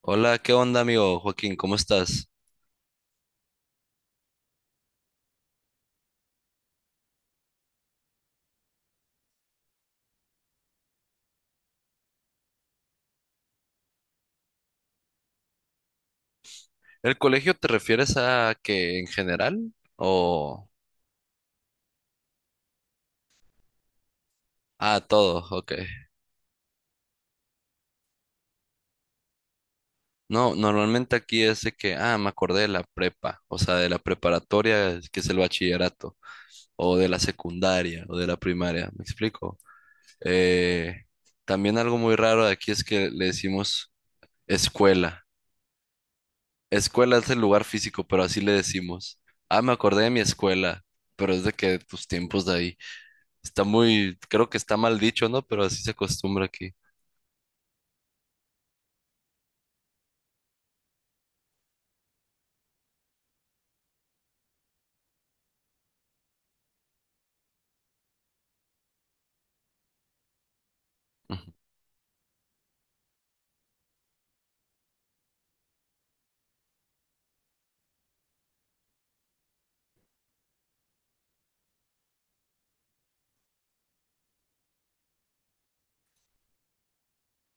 Hola, ¿qué onda, amigo Joaquín? ¿Cómo estás? ¿El colegio te refieres a que en general o a todo? Ok. No, normalmente aquí es de que, me acordé de la prepa, o sea, de la preparatoria, que es el bachillerato, o de la secundaria, o de la primaria, ¿me explico? Eh, También algo muy raro de aquí es que le decimos escuela. Escuela es el lugar físico, pero así le decimos. Ah, me acordé de mi escuela, pero es de que tus tiempos de ahí. Está muy, creo que está mal dicho, ¿no? Pero así se acostumbra aquí. Ujú.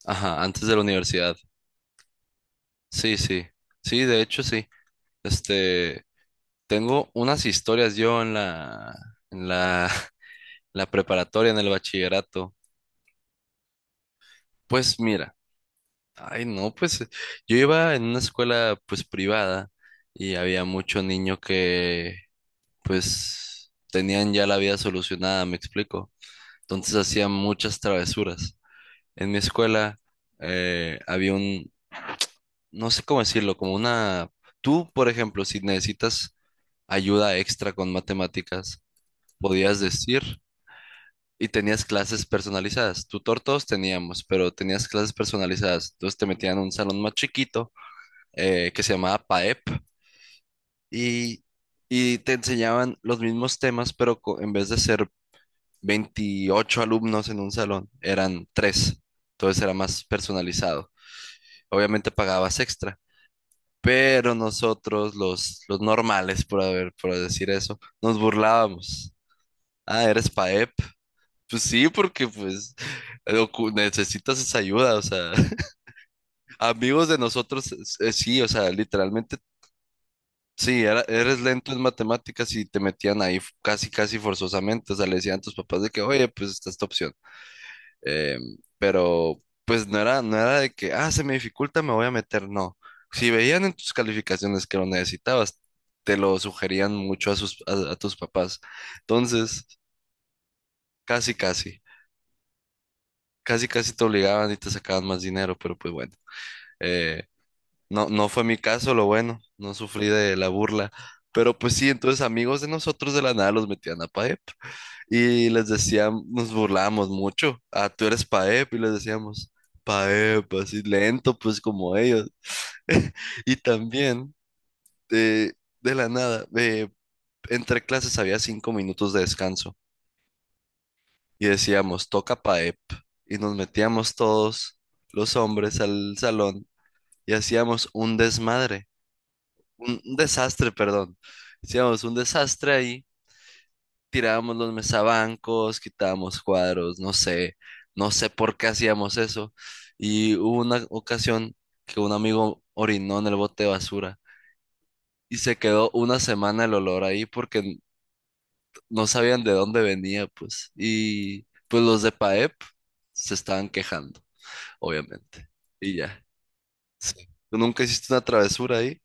Ajá, antes de la universidad. Sí, sí. Sí, de hecho, sí. Este, Tengo unas historias yo en la, la preparatoria, en el bachillerato. Pues mira, ay, no, pues yo iba en una escuela, pues privada y había mucho niño que, pues, tenían ya la vida solucionada, me explico. Entonces hacían muchas travesuras. En mi escuela había un, no sé cómo decirlo, como una... Tú, por ejemplo, si necesitas ayuda extra con matemáticas, podías decir y tenías clases personalizadas. Tutor todos teníamos, pero tenías clases personalizadas. Entonces te metían a un salón más chiquito que se llamaba PAEP y, y te enseñaban los mismos temas, pero en vez de ser 28 alumnos en un salón, eran tres. Entonces era más personalizado. Obviamente pagabas extra pero nosotros, los normales, por decir eso, nos burlábamos. Ah, eres PAEP. Pues sí, porque pues necesitas esa ayuda, o sea, amigos de nosotros, sí, o sea, literalmente, sí, eres lento en matemáticas y te metían ahí casi, casi forzosamente, o sea, le decían a tus papás de que, oye, pues está esta opción. Eh, pero pues no era de que, se me dificulta, me voy a meter, no. Si veían en tus calificaciones que lo necesitabas, te lo sugerían mucho a tus papás. Entonces, casi, casi, casi, casi te obligaban y te sacaban más dinero, pero pues bueno, eh, no fue mi caso, lo bueno, no sufrí de la burla. Pero pues sí, entonces amigos de nosotros de la nada los metían a PAEP. Y les decíamos, nos burlábamos mucho. Ah, tú eres Paep, y les decíamos, Paep, así lento, pues como ellos. Y también, de, de la nada, entre clases había 5 minutos de descanso. Y decíamos, toca Paep. Y nos metíamos todos los hombres al salón y hacíamos un desmadre, un desastre, perdón. Hacíamos un desastre ahí, tirábamos los mesabancos, quitábamos cuadros, no sé por qué hacíamos eso. Y hubo una ocasión que un amigo orinó en el bote de basura y se quedó una semana el olor ahí porque no sabían de dónde venía, pues. Y pues los de PAEP se estaban quejando, obviamente. Y ya. Sí. ¿Tú nunca hiciste una travesura ahí?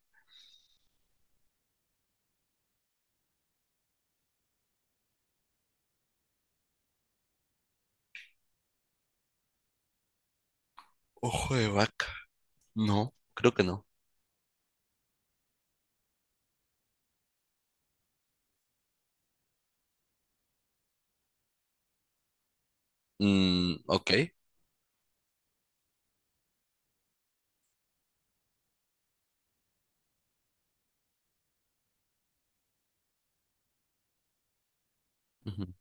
Ojo de vaca. No, creo que no. Mm, ok. Ujú,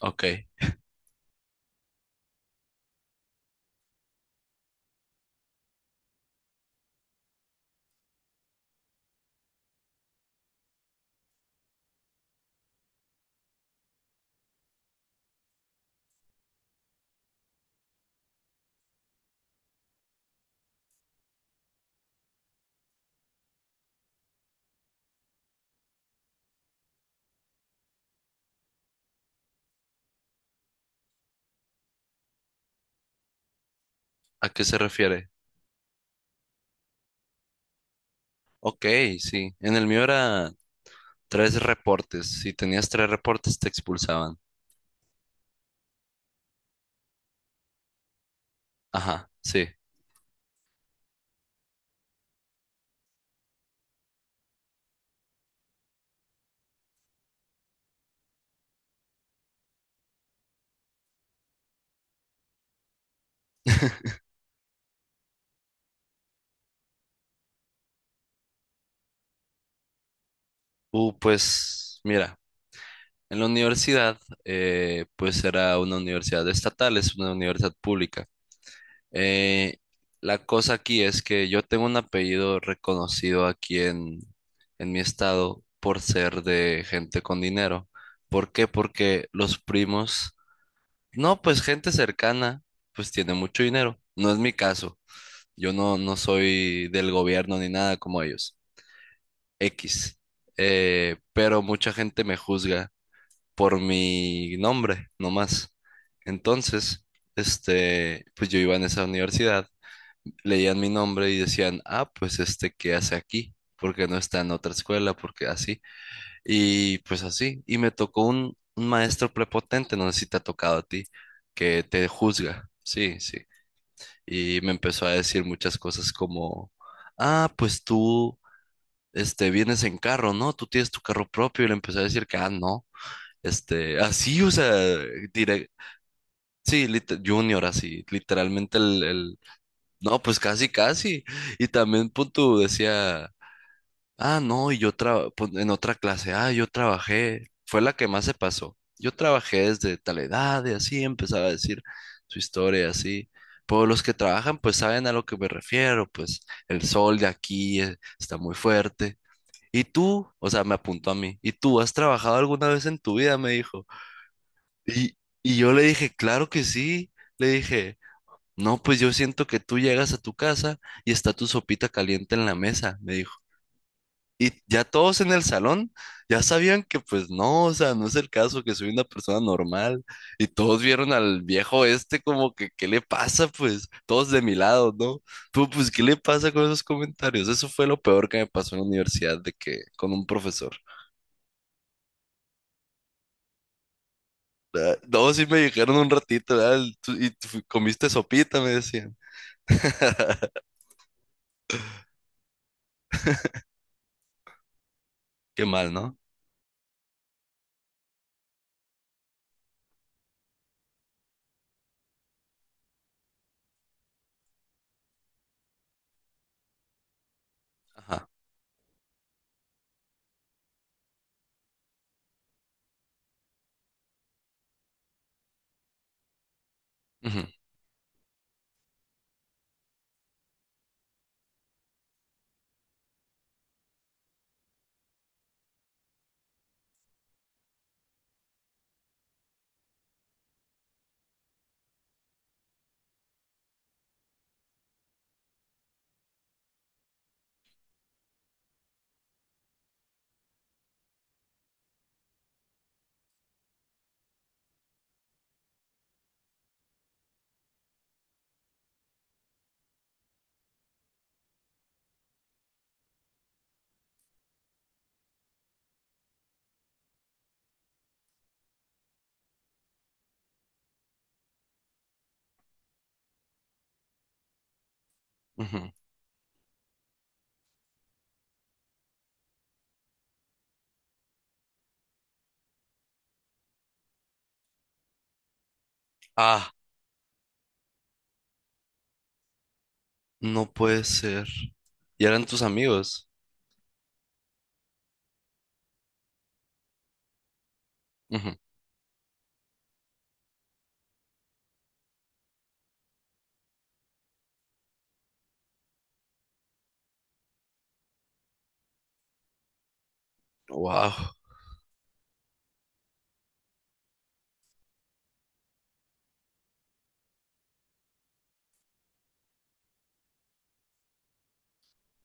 ok. ¿A qué se refiere? Ok, sí. En el mío era tres reportes. Si tenías tres reportes, te expulsaban. Ajá, sí. Pues mira, en la universidad, pues era una universidad estatal, es una universidad pública. Eh, la cosa aquí es que yo tengo un apellido reconocido aquí en mi estado por ser de gente con dinero. ¿Por qué? Porque los primos, no, pues gente cercana, pues tiene mucho dinero. No es mi caso. Yo no soy del gobierno ni nada como ellos. X. Pero mucha gente me juzga por mi nombre, nomás. Entonces, pues yo iba en esa universidad, leían mi nombre y decían, ah, pues ¿qué hace aquí? Porque no está en otra escuela, porque así. Y pues así. Y me tocó un maestro prepotente, no sé si te ha tocado a ti, que te juzga. Sí, sí, y me empezó a decir muchas cosas como, ah, pues tú, vienes en carro, ¿no? Tú tienes tu carro propio y le empezó a decir que, ah, no, así, o sea, direct, sí, Junior, así, literalmente no, pues casi, casi, y también punto decía... Ah, no, y yo pues, en otra clase, yo trabajé, fue la que más se pasó. Yo trabajé desde tal edad y así empezaba a decir su historia, así. Pues los que trabajan, pues saben a lo que me refiero, pues el sol de aquí está muy fuerte. Y tú, o sea, me apuntó a mí, ¿y tú has trabajado alguna vez en tu vida? Me dijo. Y, y yo le dije, claro que sí. Le dije, no, pues yo siento que tú llegas a tu casa y está tu sopita caliente en la mesa, me dijo. Y ya todos en el salón ya sabían que pues no, o sea, no es el caso, que soy una persona normal. Y todos vieron al viejo este como que, ¿qué le pasa? Pues todos de mi lado, ¿no? Tú, pues, ¿qué le pasa con esos comentarios? Eso fue lo peor que me pasó en la universidad de que con un profesor. Ah, no, sí me dijeron un ratito, "Ah, y tú comiste sopita", me decían. Qué mal, ¿no? Ajá. Ujú, ujú. Ah, no puede ser. Y eran tus amigos. Wow.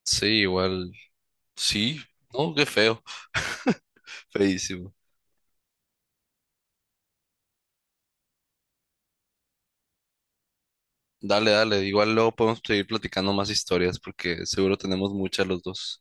Sí, igual. Sí, no, qué feo. Feísimo. Dale, dale. Igual luego podemos seguir platicando más historias porque seguro tenemos muchas los dos.